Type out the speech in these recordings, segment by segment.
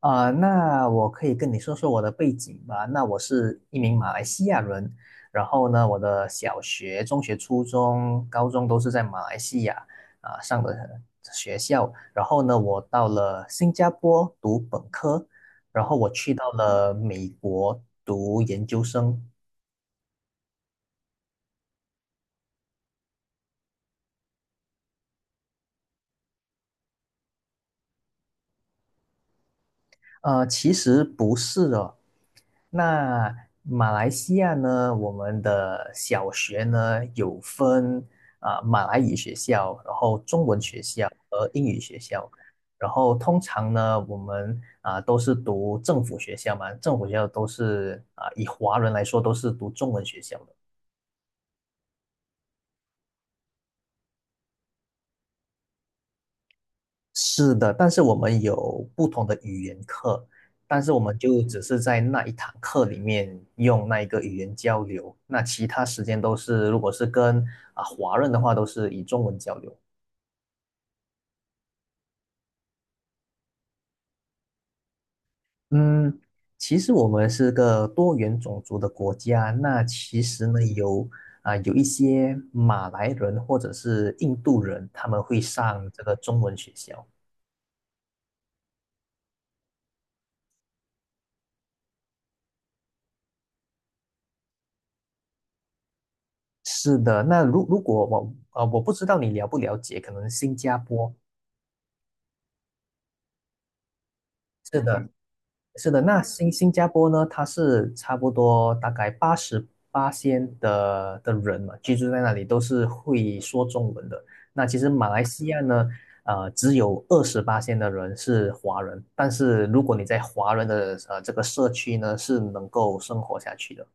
那我可以跟你说说我的背景吧。那我是一名马来西亚人，然后呢，我的小学、中学、初中、高中都是在马来西亚上的学校。然后呢，我到了新加坡读本科，然后我去到了美国读研究生。其实不是的，那马来西亚呢，我们的小学呢有分马来语学校，然后中文学校和英语学校，然后通常呢我们都是读政府学校嘛，政府学校都是以华人来说都是读中文学校的。是的，但是我们有不同的语言课，但是我们就只是在那一堂课里面用那一个语言交流，那其他时间都是，如果是跟华人的话，都是以中文交流。嗯，其实我们是个多元种族的国家，那其实呢有一些马来人或者是印度人，他们会上这个中文学校。是的，那如果我不知道你了不了解，可能新加坡。是的，是的，那新加坡呢，它是差不多大概80%的人嘛，居住在那里都是会说中文的。那其实马来西亚呢，只有20%的人是华人，但是如果你在华人的这个社区呢，是能够生活下去的。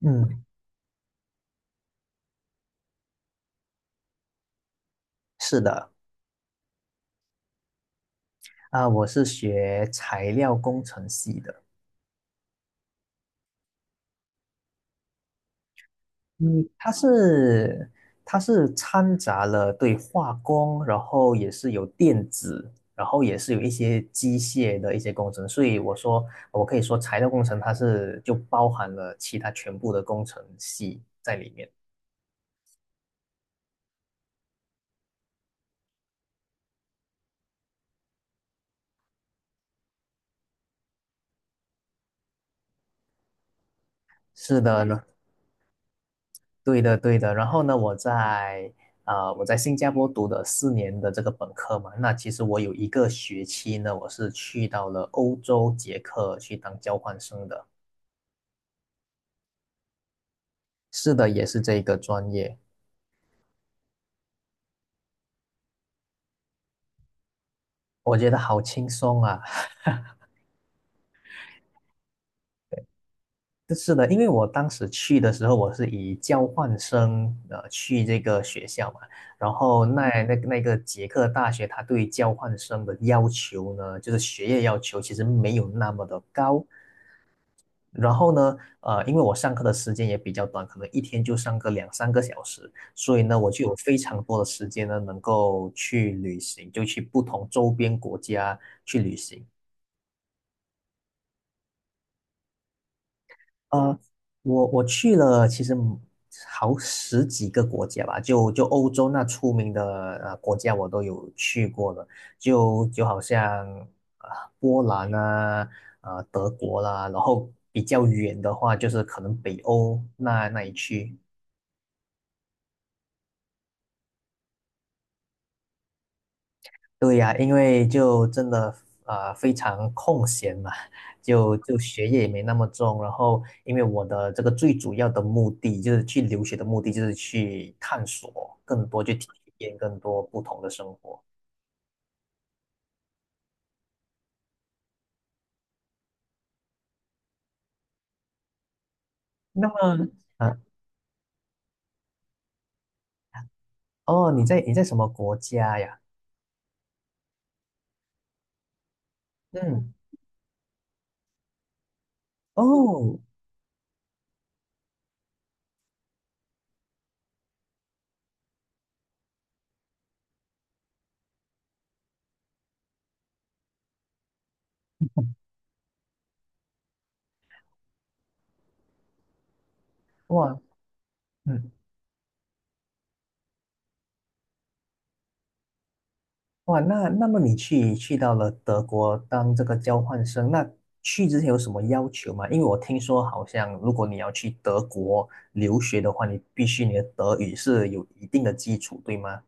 嗯，是的，我是学材料工程系的。嗯，它是它是掺杂了对化工，然后也是有电子，然后也是有一些机械的一些工程，所以我可以说材料工程它是就包含了其他全部的工程系在里面。是的呢，对的对的。然后呢，我在新加坡读的4年的这个本科嘛，那其实我有一个学期呢，我是去到了欧洲捷克去当交换生的。是的，也是这一个专业。我觉得好轻松啊！是的，因为我当时去的时候，我是以交换生去这个学校嘛，然后那个捷克大学，它对交换生的要求呢，就是学业要求其实没有那么的高。然后呢，因为我上课的时间也比较短，可能一天就上个两三个小时，所以呢，我就有非常多的时间呢，能够去旅行，就去不同周边国家去旅行。呃，我去了，其实好十几个国家吧，就欧洲那出名的国家我都有去过了，就好像呃波兰啊，德国啦，然后比较远的话就是可能北欧那一区。对呀，因为就真的非常空闲嘛，就学业也没那么重，然后因为我的这个最主要的目的就是去留学的目的就是去探索更多，去体验更多不同的生活。那么，啊，哦，你在什么国家呀？嗯，哦，哇，嗯。哇，那么你去到了德国当这个交换生，那去之前有什么要求吗？因为我听说好像如果你要去德国留学的话，你必须你的德语是有一定的基础，对吗？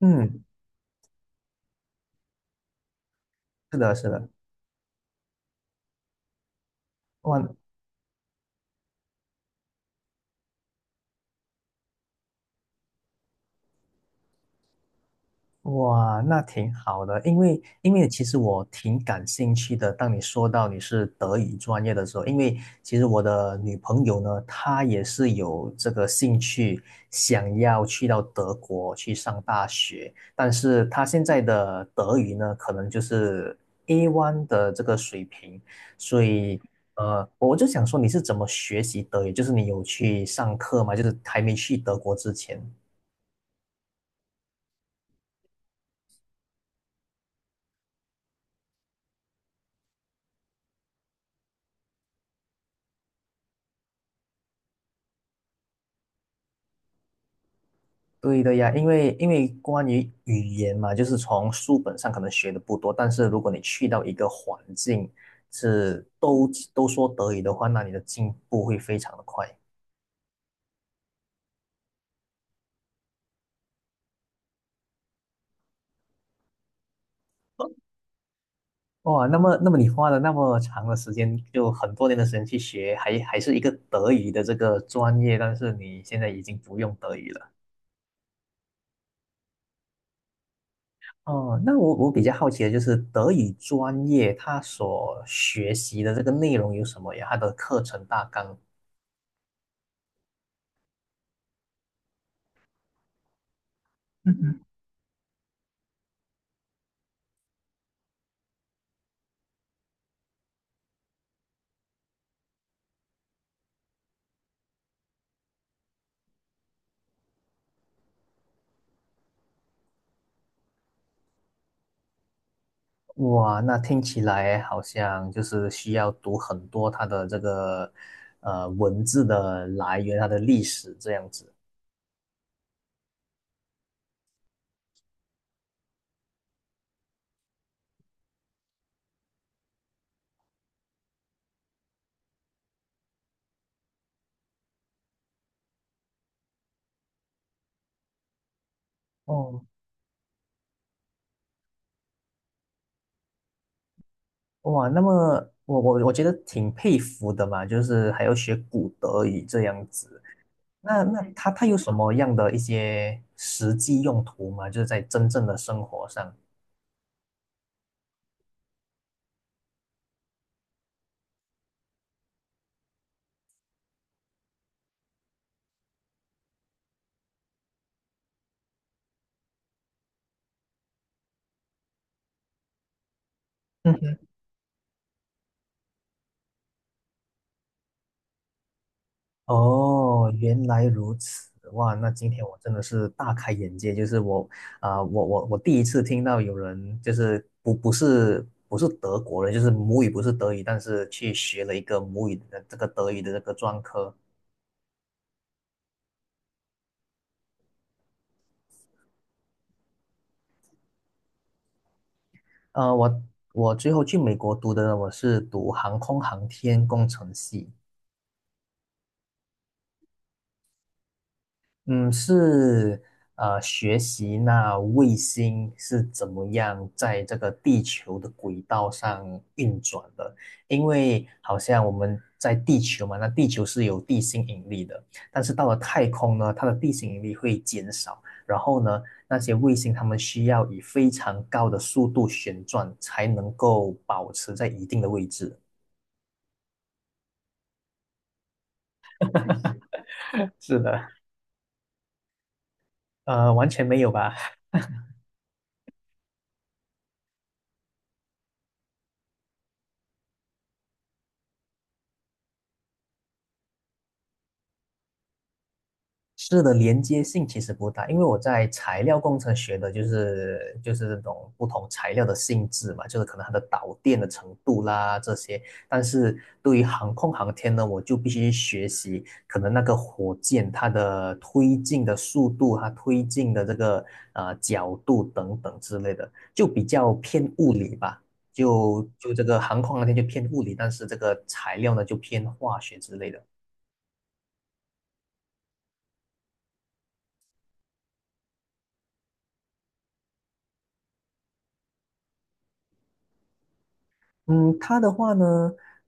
嗯，是的，是的。哇，哇，那挺好的，因为其实我挺感兴趣的。当你说到你是德语专业的时候，因为其实我的女朋友呢，她也是有这个兴趣，想要去到德国去上大学，但是她现在的德语呢，可能就是 A1 的这个水平，所以我就想说你是怎么学习德语？就是你有去上课吗？就是还没去德国之前。对的呀，因为关于语言嘛，就是从书本上可能学的不多，但是如果你去到一个环境是都说德语的话，那你的进步会非常的快。哇，那么你花了那么长的时间，就很多年的时间去学，还是一个德语的这个专业，但是你现在已经不用德语了。哦，那我比较好奇的就是德语专业它所学习的这个内容有什么呀？它的课程大纲哇，那听起来好像就是需要读很多它的这个文字的来源，它的历史这样子。哦，哇，那么我觉得挺佩服的嘛，就是还要学古德语这样子。那它有什么样的一些实际用途吗？就是在真正的生活上。嗯。哦，原来如此，哇，那今天我真的是大开眼界，就是我，啊、我我我第一次听到有人就是不是德国人，就是母语不是德语，但是去学了一个母语的这个德语的这个专科。呃，我我最后去美国读的呢，我是读航空航天工程系，嗯，是，学习那卫星是怎么样在这个地球的轨道上运转的。因为好像我们在地球嘛，那地球是有地心引力的，但是到了太空呢，它的地心引力会减少。然后呢，那些卫星它们需要以非常高的速度旋转，才能够保持在一定的位置。是的，完全没有吧？是的，连接性其实不大，因为我在材料工程学的就是这种不同材料的性质嘛，就是可能它的导电的程度啦这些。但是对于航空航天呢，我就必须学习可能那个火箭它的推进的速度，它推进的这个角度等等之类的，就比较偏物理吧。就这个航空航天就偏物理，但是这个材料呢就偏化学之类的。嗯，他的话呢，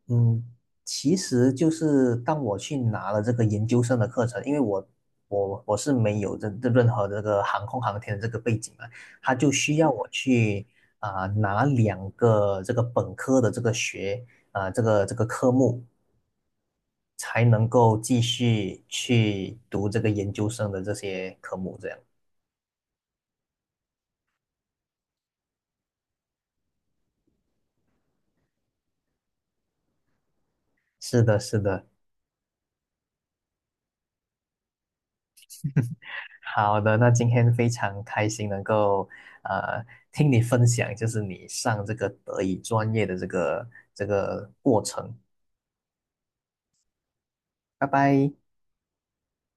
嗯，其实就是当我去拿了这个研究生的课程，因为我是没有这任何这个航空航天的这个背景嘛，他就需要我去拿两个这个本科的这个学啊、这个科目，才能够继续去读这个研究生的这些科目，这样。是的，是的，好的，那今天非常开心能够呃听你分享，就是你上这个德语专业的这个过程。拜拜。